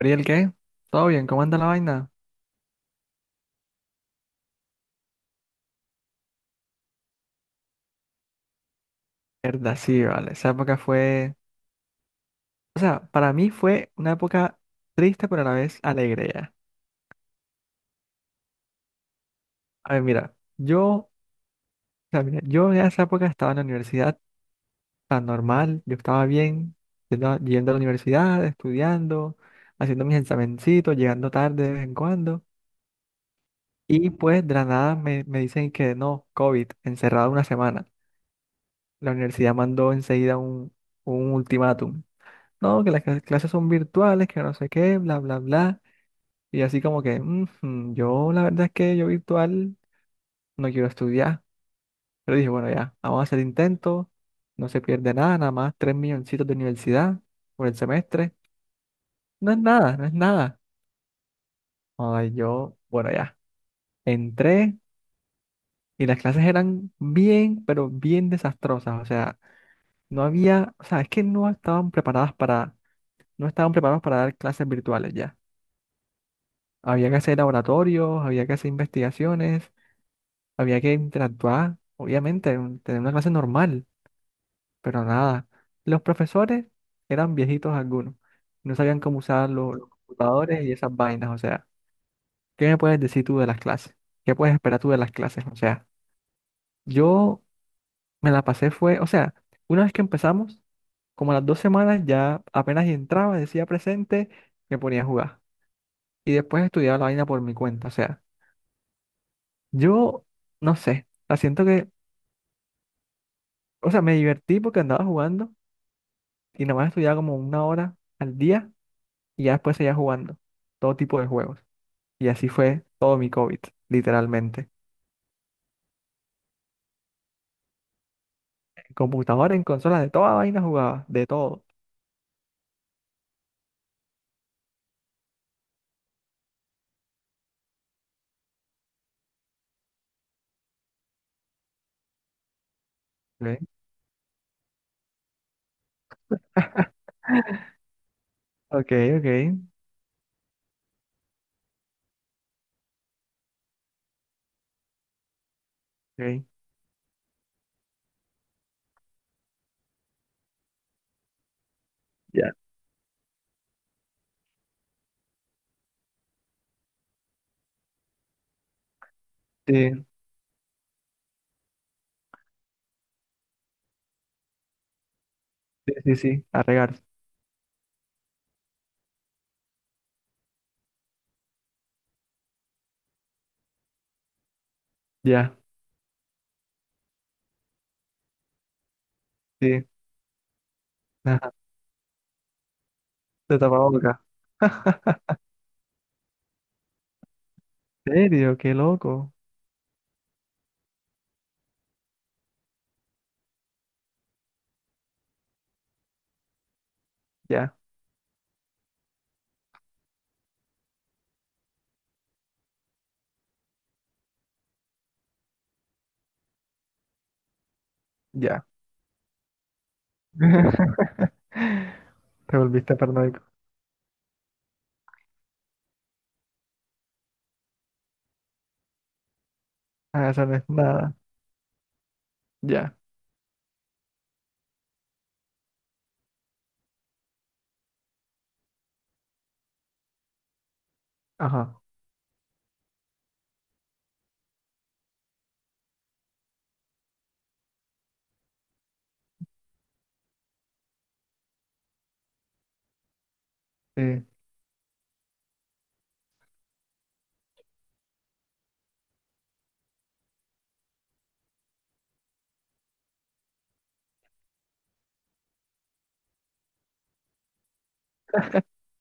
¿Ariel qué? ¿Todo bien? ¿Cómo anda la vaina? Verdad, sí, vale. Esa época fue... O sea, para mí fue una época triste, pero a la vez alegre ya. A ver, mira, yo... O sea, mira, yo en esa época estaba en la universidad tan normal, yo estaba bien, yendo a la universidad, estudiando, haciendo mis examencitos, llegando tarde de vez en cuando. Y pues de la nada me dicen que no, COVID, encerrado una semana. La universidad mandó enseguida un ultimátum. No, que las clases son virtuales, que no sé qué, bla, bla, bla. Y así como que, "Ujú, yo la verdad es que yo virtual no quiero estudiar. Pero dije, bueno, ya, vamos a hacer intentos, no se pierde nada, nada más tres milloncitos de universidad por el semestre. No es nada, no es nada. Ay, yo, bueno, ya, entré y las clases eran bien, pero bien desastrosas. O sea, no había, o sea, es que no estaban preparadas para, no estaban preparados para dar clases virtuales ya. Había que hacer laboratorios, había que hacer investigaciones. Había que interactuar, obviamente, tener una clase normal, pero nada. Los profesores eran viejitos algunos, no sabían cómo usar los, computadores y esas vainas, o sea, ¿qué me puedes decir tú de las clases? ¿Qué puedes esperar tú de las clases? O sea, yo me la pasé fue, o sea, una vez que empezamos, como a las dos semanas ya apenas entraba, decía presente, me ponía a jugar. Y después estudiaba la vaina por mi cuenta, o sea, yo no sé, la siento que, o sea, me divertí porque andaba jugando. Y nomás estudiaba como una hora al día y ya después seguía jugando todo tipo de juegos. Y así fue todo mi COVID, literalmente. En computadora, en consolas, de toda vaina jugaba, de todo. Ok, ok, ok. Ok. Ya. Sí, sí, sí, sí, a regar. Ya, sí. Ajá. Te tapaba boca. ¿En serio? Qué loco. Ya, ya. Te volviste paranoico. Ah, eso no es nada. Ya. Ajá. Sí.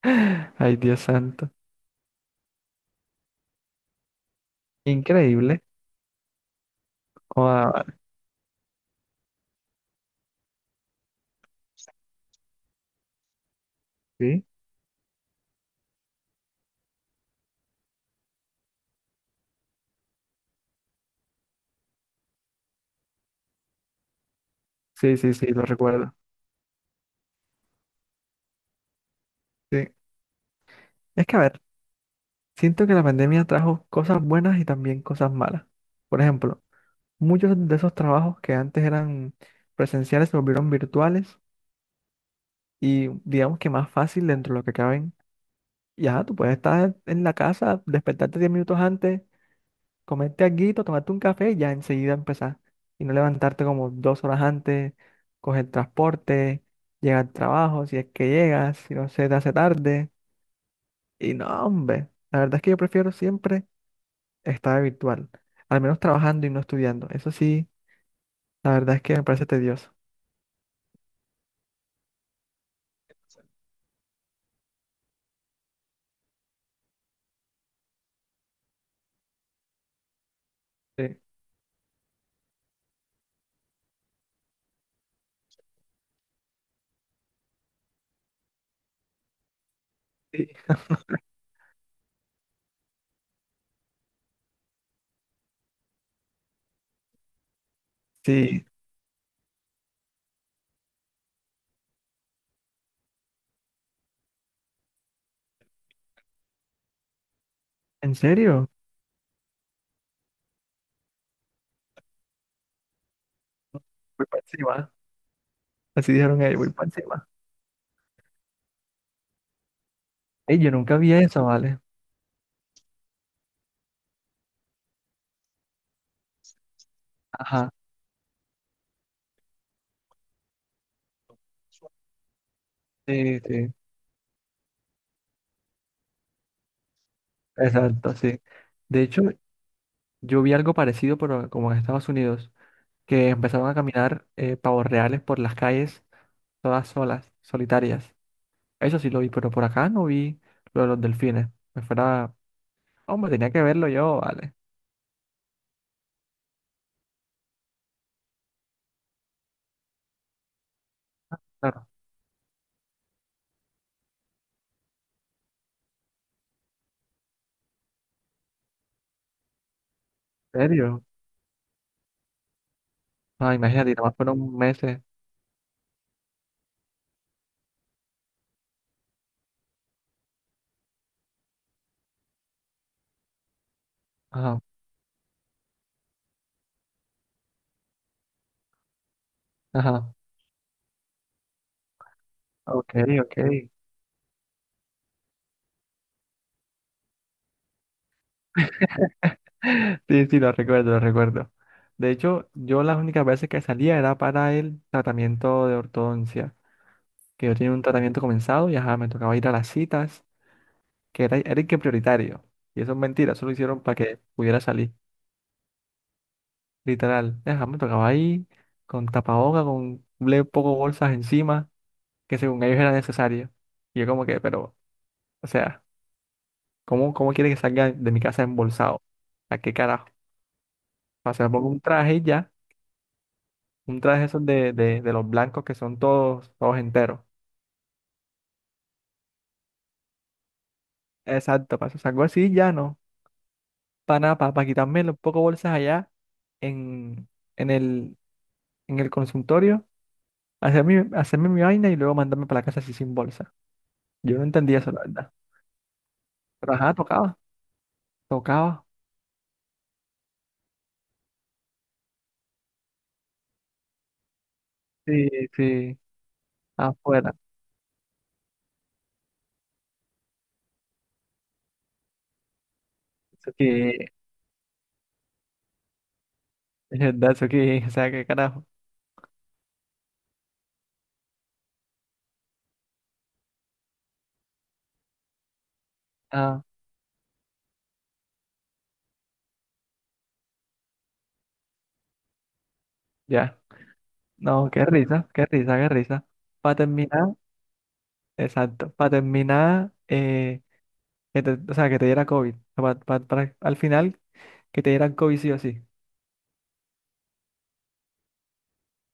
Ay, Dios santo. Increíble. Sí, sí, sí, sí, lo recuerdo. Sí. Es que, a ver, siento que la pandemia trajo cosas buenas y también cosas malas. Por ejemplo, muchos de esos trabajos que antes eran presenciales se volvieron virtuales y digamos que más fácil dentro de lo que caben. Ya, tú puedes estar en la casa, despertarte 10 minutos antes, comerte alguito, tomarte un café y ya enseguida empezar. Y no levantarte como 2 horas antes, coger transporte, llegar al trabajo, si es que llegas, si no se te hace tarde. Y no, hombre, la verdad es que yo prefiero siempre estar virtual, al menos trabajando y no estudiando. Eso sí, la verdad es que me parece tedioso. Sí, sí, sí. ¿En serio? Voy para encima. Así dijeron ellos, voy para encima. Ey, yo nunca vi eso, ¿vale? Ajá, sí, sí, exacto, sí. De hecho, yo vi algo parecido, pero como en Estados Unidos, que empezaron a caminar pavos reales por las calles, todas solas, solitarias. Eso sí lo vi, pero por acá no vi lo de los delfines. Me fuera. Hombre, tenía que verlo yo, vale. Claro, ¿en serio? Ah, imagínate, nada más fueron meses. Ajá, ajá. Ok, ok. Sí, sí, lo recuerdo, lo recuerdo. De hecho, yo las únicas veces que salía era para el tratamiento de ortodoncia, que yo tenía un tratamiento comenzado y ajá, me tocaba ir a las citas, que era, era el que prioritario. Y eso es mentira, eso lo hicieron para que pudiera salir, literal. Ajá, me tocaba ahí con tapaboca, con un poco bolsas encima, que según ellos era necesario. Y yo como que, pero, o sea... ¿Cómo, cómo quiere que salga de mi casa embolsado? ¿A qué carajo? O sea, me pongo un traje y ya, un traje esos de, de los blancos que son todos, todos enteros. Exacto, para eso salgo así y ya no. Para nada, para, quitarme los pocos bolsas allá en, en el, en el consultorio, hacerme mi vaina y luego mandarme para la casa así sin bolsa. Yo no entendía eso, la verdad. Pero ajá, tocaba, tocaba. Sí, sí, afuera. Eso que, es verdad, eso que, o sea, qué carajo. Ah, ya. No, qué risa, qué risa, qué risa. Para terminar, exacto, para terminar, que o sea, que te diera COVID. Para, al final, que te dieran COVID sí o sí.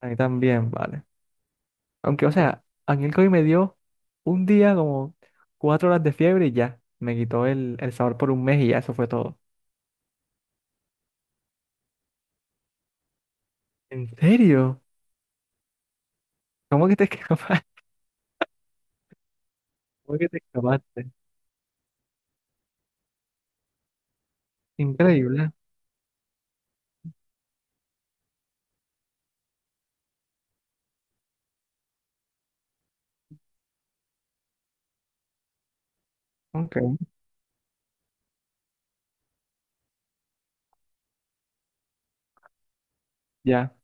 A mí también, vale. Aunque, o sea, a mí el COVID me dio un día como 4 horas de fiebre y ya. Me quitó el sabor por un mes y ya, eso fue todo. ¿En serio? ¿Cómo que te escapaste? ¿Cómo que te escapaste? Increíble. Ok. Ya,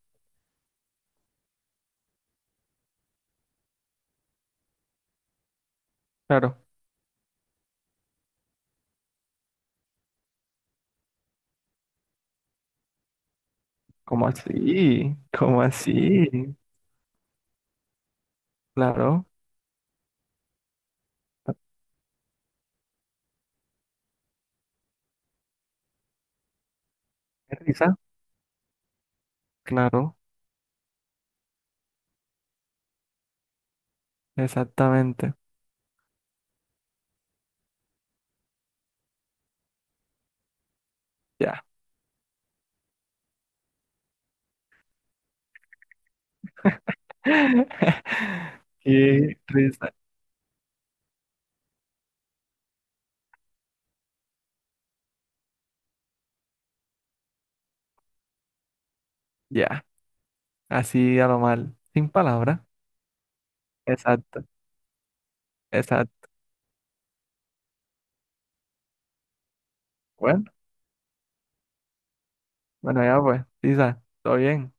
claro. ¿Cómo así? ¿Cómo así? Claro. Qué risa. Claro. Exactamente. Ya. Qué risa. Ya. Así a lo mal. Sin palabras. Exacto. Exacto. Bueno, bueno, ya pues. Isa, todo bien.